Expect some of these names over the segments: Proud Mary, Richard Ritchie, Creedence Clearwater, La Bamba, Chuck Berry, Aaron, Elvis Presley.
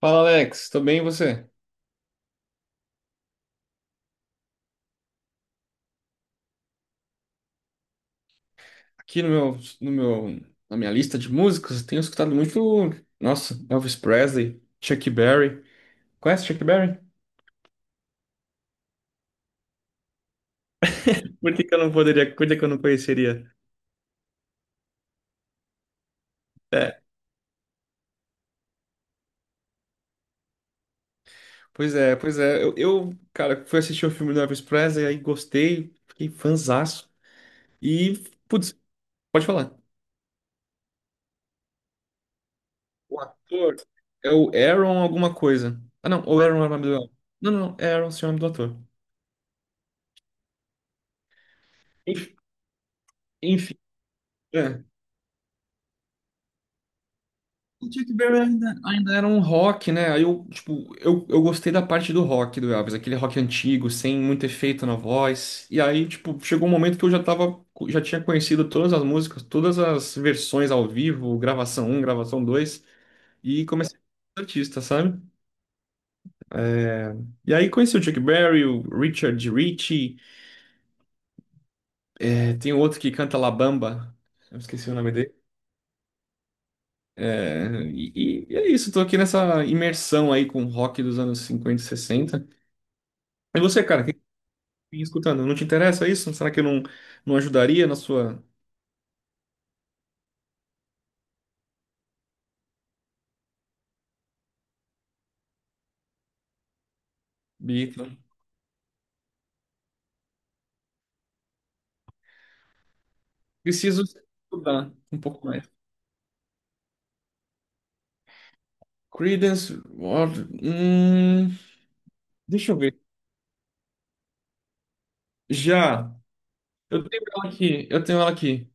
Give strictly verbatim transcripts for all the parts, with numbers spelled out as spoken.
Fala Alex, tudo bem e você? Aqui no meu, no meu, Na minha lista de músicas, eu tenho escutado muito, nossa, Elvis Presley, Chuck Berry. Conhece Chuck Berry? Por que que eu não poderia? Por que que eu não conheceria? É. Pois é, pois é. Eu, eu, cara, fui assistir o filme do Elvis Presley, aí gostei, fiquei fanzaço. E, putz, pode falar. O ator é o Aaron alguma coisa. Ah, não, o Aaron é o nome do... Não, não, não, é Aaron, sim, é o nome do ator. Enf- Enfim, é. O Chuck Berry ainda, ainda era um rock, né? Aí eu, tipo, eu, eu gostei da parte do rock do Elvis, aquele rock antigo, sem muito efeito na voz. E aí, tipo, chegou um momento que eu já tava, já tinha conhecido todas as músicas, todas as versões ao vivo, gravação um, gravação dois, e comecei a ser artista, sabe? E aí conheci o Chuck Berry, o Richard Ritchie, eh, tem outro que canta La Bamba, eu esqueci o nome dele. É, e, e é isso, tô aqui nessa imersão aí com o rock dos anos cinquenta, e sessenta. E você, cara, o que me escutando. Não te interessa isso? Será que eu não, não ajudaria na sua Bita? Preciso estudar um pouco mais. Credence, Water- hum, deixa eu ver. Já. Eu tenho ela aqui. Eu tenho ela aqui.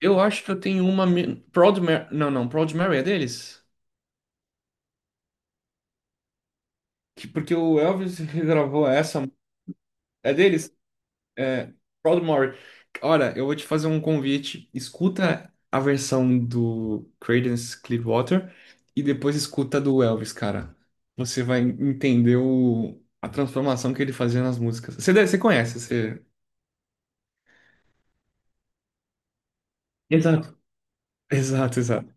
Eu acho que eu tenho uma. me- Proud Mary. Não, não. Proud Mary é deles? Que- Porque o Elvis regravou essa. É deles? É, Proudmoore. Olha, eu vou te fazer um convite. Escuta a versão do Creedence Clearwater e depois escuta a do Elvis, cara. Você vai entender o- a transformação que ele fazia nas músicas. Você, deve- você conhece, você... Exato. Exato, exato.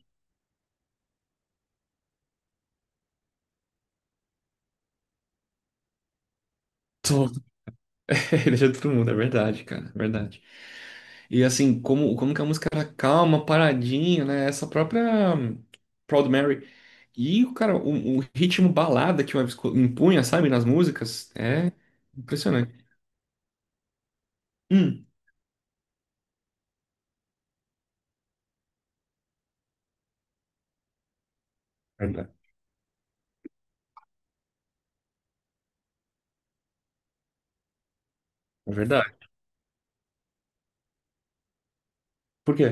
Tô. Ele ajuda todo mundo, é verdade, cara, é verdade. E assim, como, como que a música era calma, paradinha, né? Essa própria hum, Proud Mary. E, cara, o, o ritmo balada que o Elvis co- impunha, sabe, nas músicas, é impressionante. Hum, verdade. É verdade. Por quê?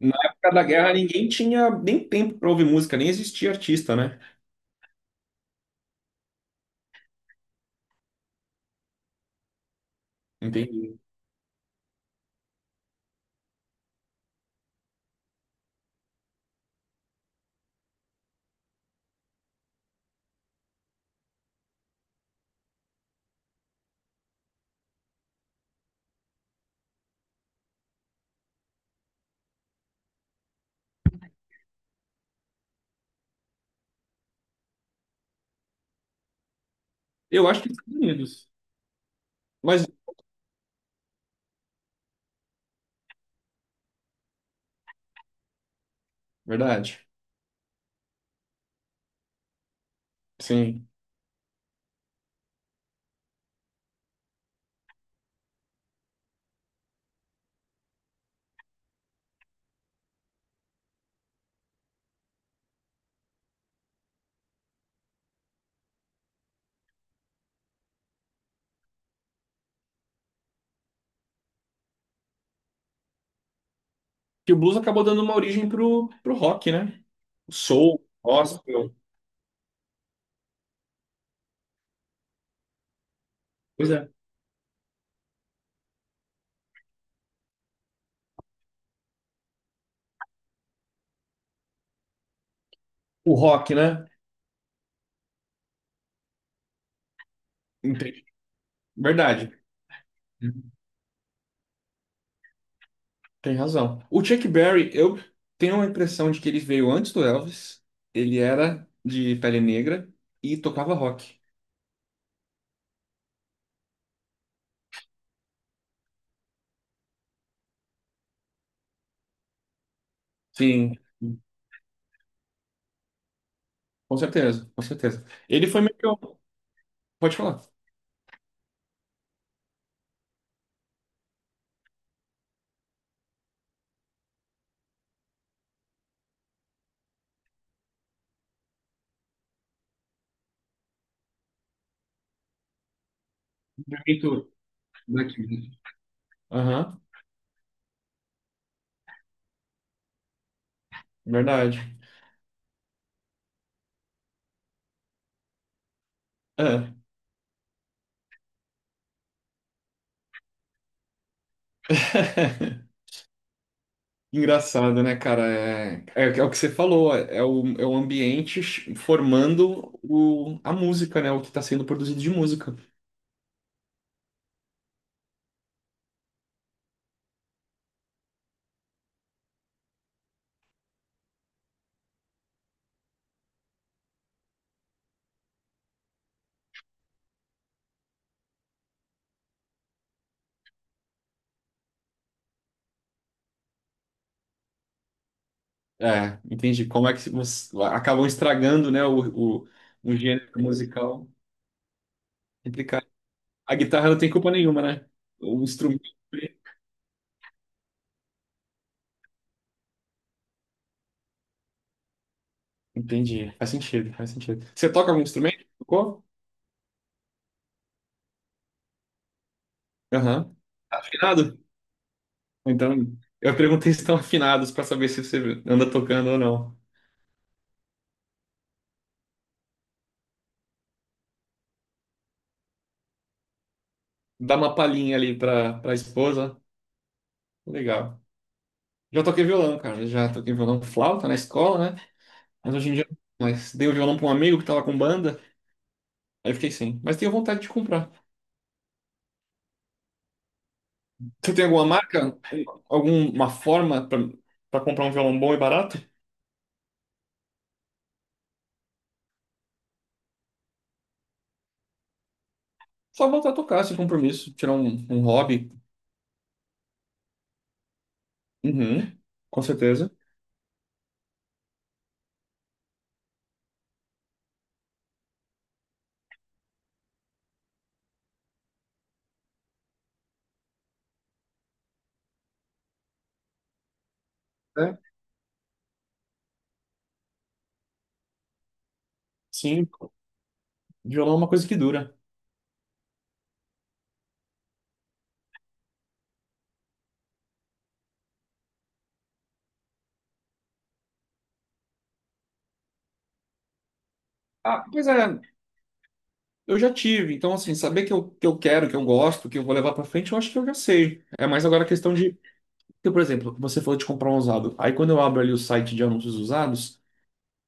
Na época da guerra, ninguém tinha nem tempo pra ouvir música, nem existia artista, né? Entendi. Eu acho que nos Estados Unidos. Mas, verdade, sim. Que o blues acabou dando uma origem pro, pro rock, né? O soul, gospel. Pois é. O rock, né? Entendi. Verdade. Uhum. Tem razão. O Chuck Berry, eu tenho a impressão de que ele veio antes do Elvis. Ele era de pele negra e tocava rock. Sim, com certeza, com certeza. Ele foi meio que o- pode falar. Muito daqui. Aham, verdade. É. Engraçado, né, cara? É, é, é o que você falou, é o, é o ambiente ch- formando o, a música, né? O que está sendo produzido de música. É, entendi. Como é que você... acabam estragando, né, o, o, um gênero musical complicado. A guitarra não tem culpa nenhuma, né? O instrumento. Entendi. Faz sentido, faz sentido. Você toca algum instrumento? Tocou? Aham. Tá afinado? Então, eu perguntei se estão afinados para saber se você anda tocando ou não. Dá uma palhinha ali pra, pra esposa. Legal. Já toquei violão, cara. Já toquei violão flauta na escola, né? Mas hoje em dia. Não. Mas dei o violão pra um amigo que tava com banda. Aí eu fiquei sem. Mas tenho vontade de comprar. Você tem alguma marca? Alguma forma para comprar um violão bom e barato? Só voltar a tocar sem compromisso, tirar um, um hobby. Uhum, com certeza. É. Sim, violão é uma coisa que dura. Ah, pois é, eu já tive. Então, assim, saber que eu, que eu quero, que eu gosto, que eu vou levar pra frente, eu acho que eu já sei. É mais agora a questão de. Porque, por exemplo, você falou de comprar um usado. Aí, quando eu abro ali o site de anúncios usados.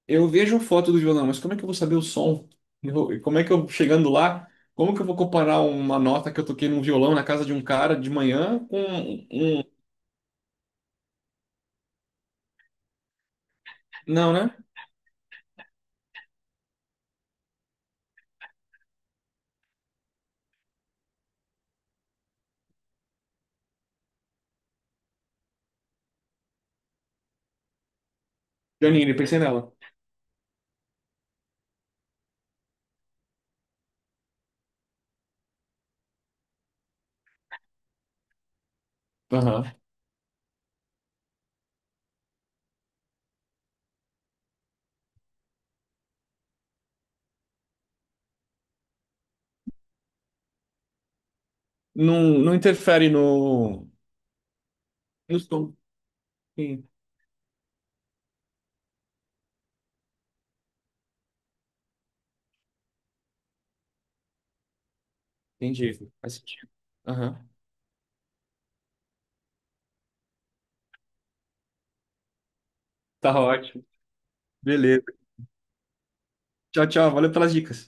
Eu vejo a foto do violão, mas como é que eu vou saber o som? Eu- e como é que eu, chegando lá, como que eu vou comparar uma nota que eu toquei num violão na casa de um cara de manhã com um... um- Não, né? Janine, pensei nela. Aham. Não, não interfere no... No som. Sim, entendi. Faz sentido. Aham. Tá ótimo. Beleza. Tchau, tchau. Valeu pelas dicas.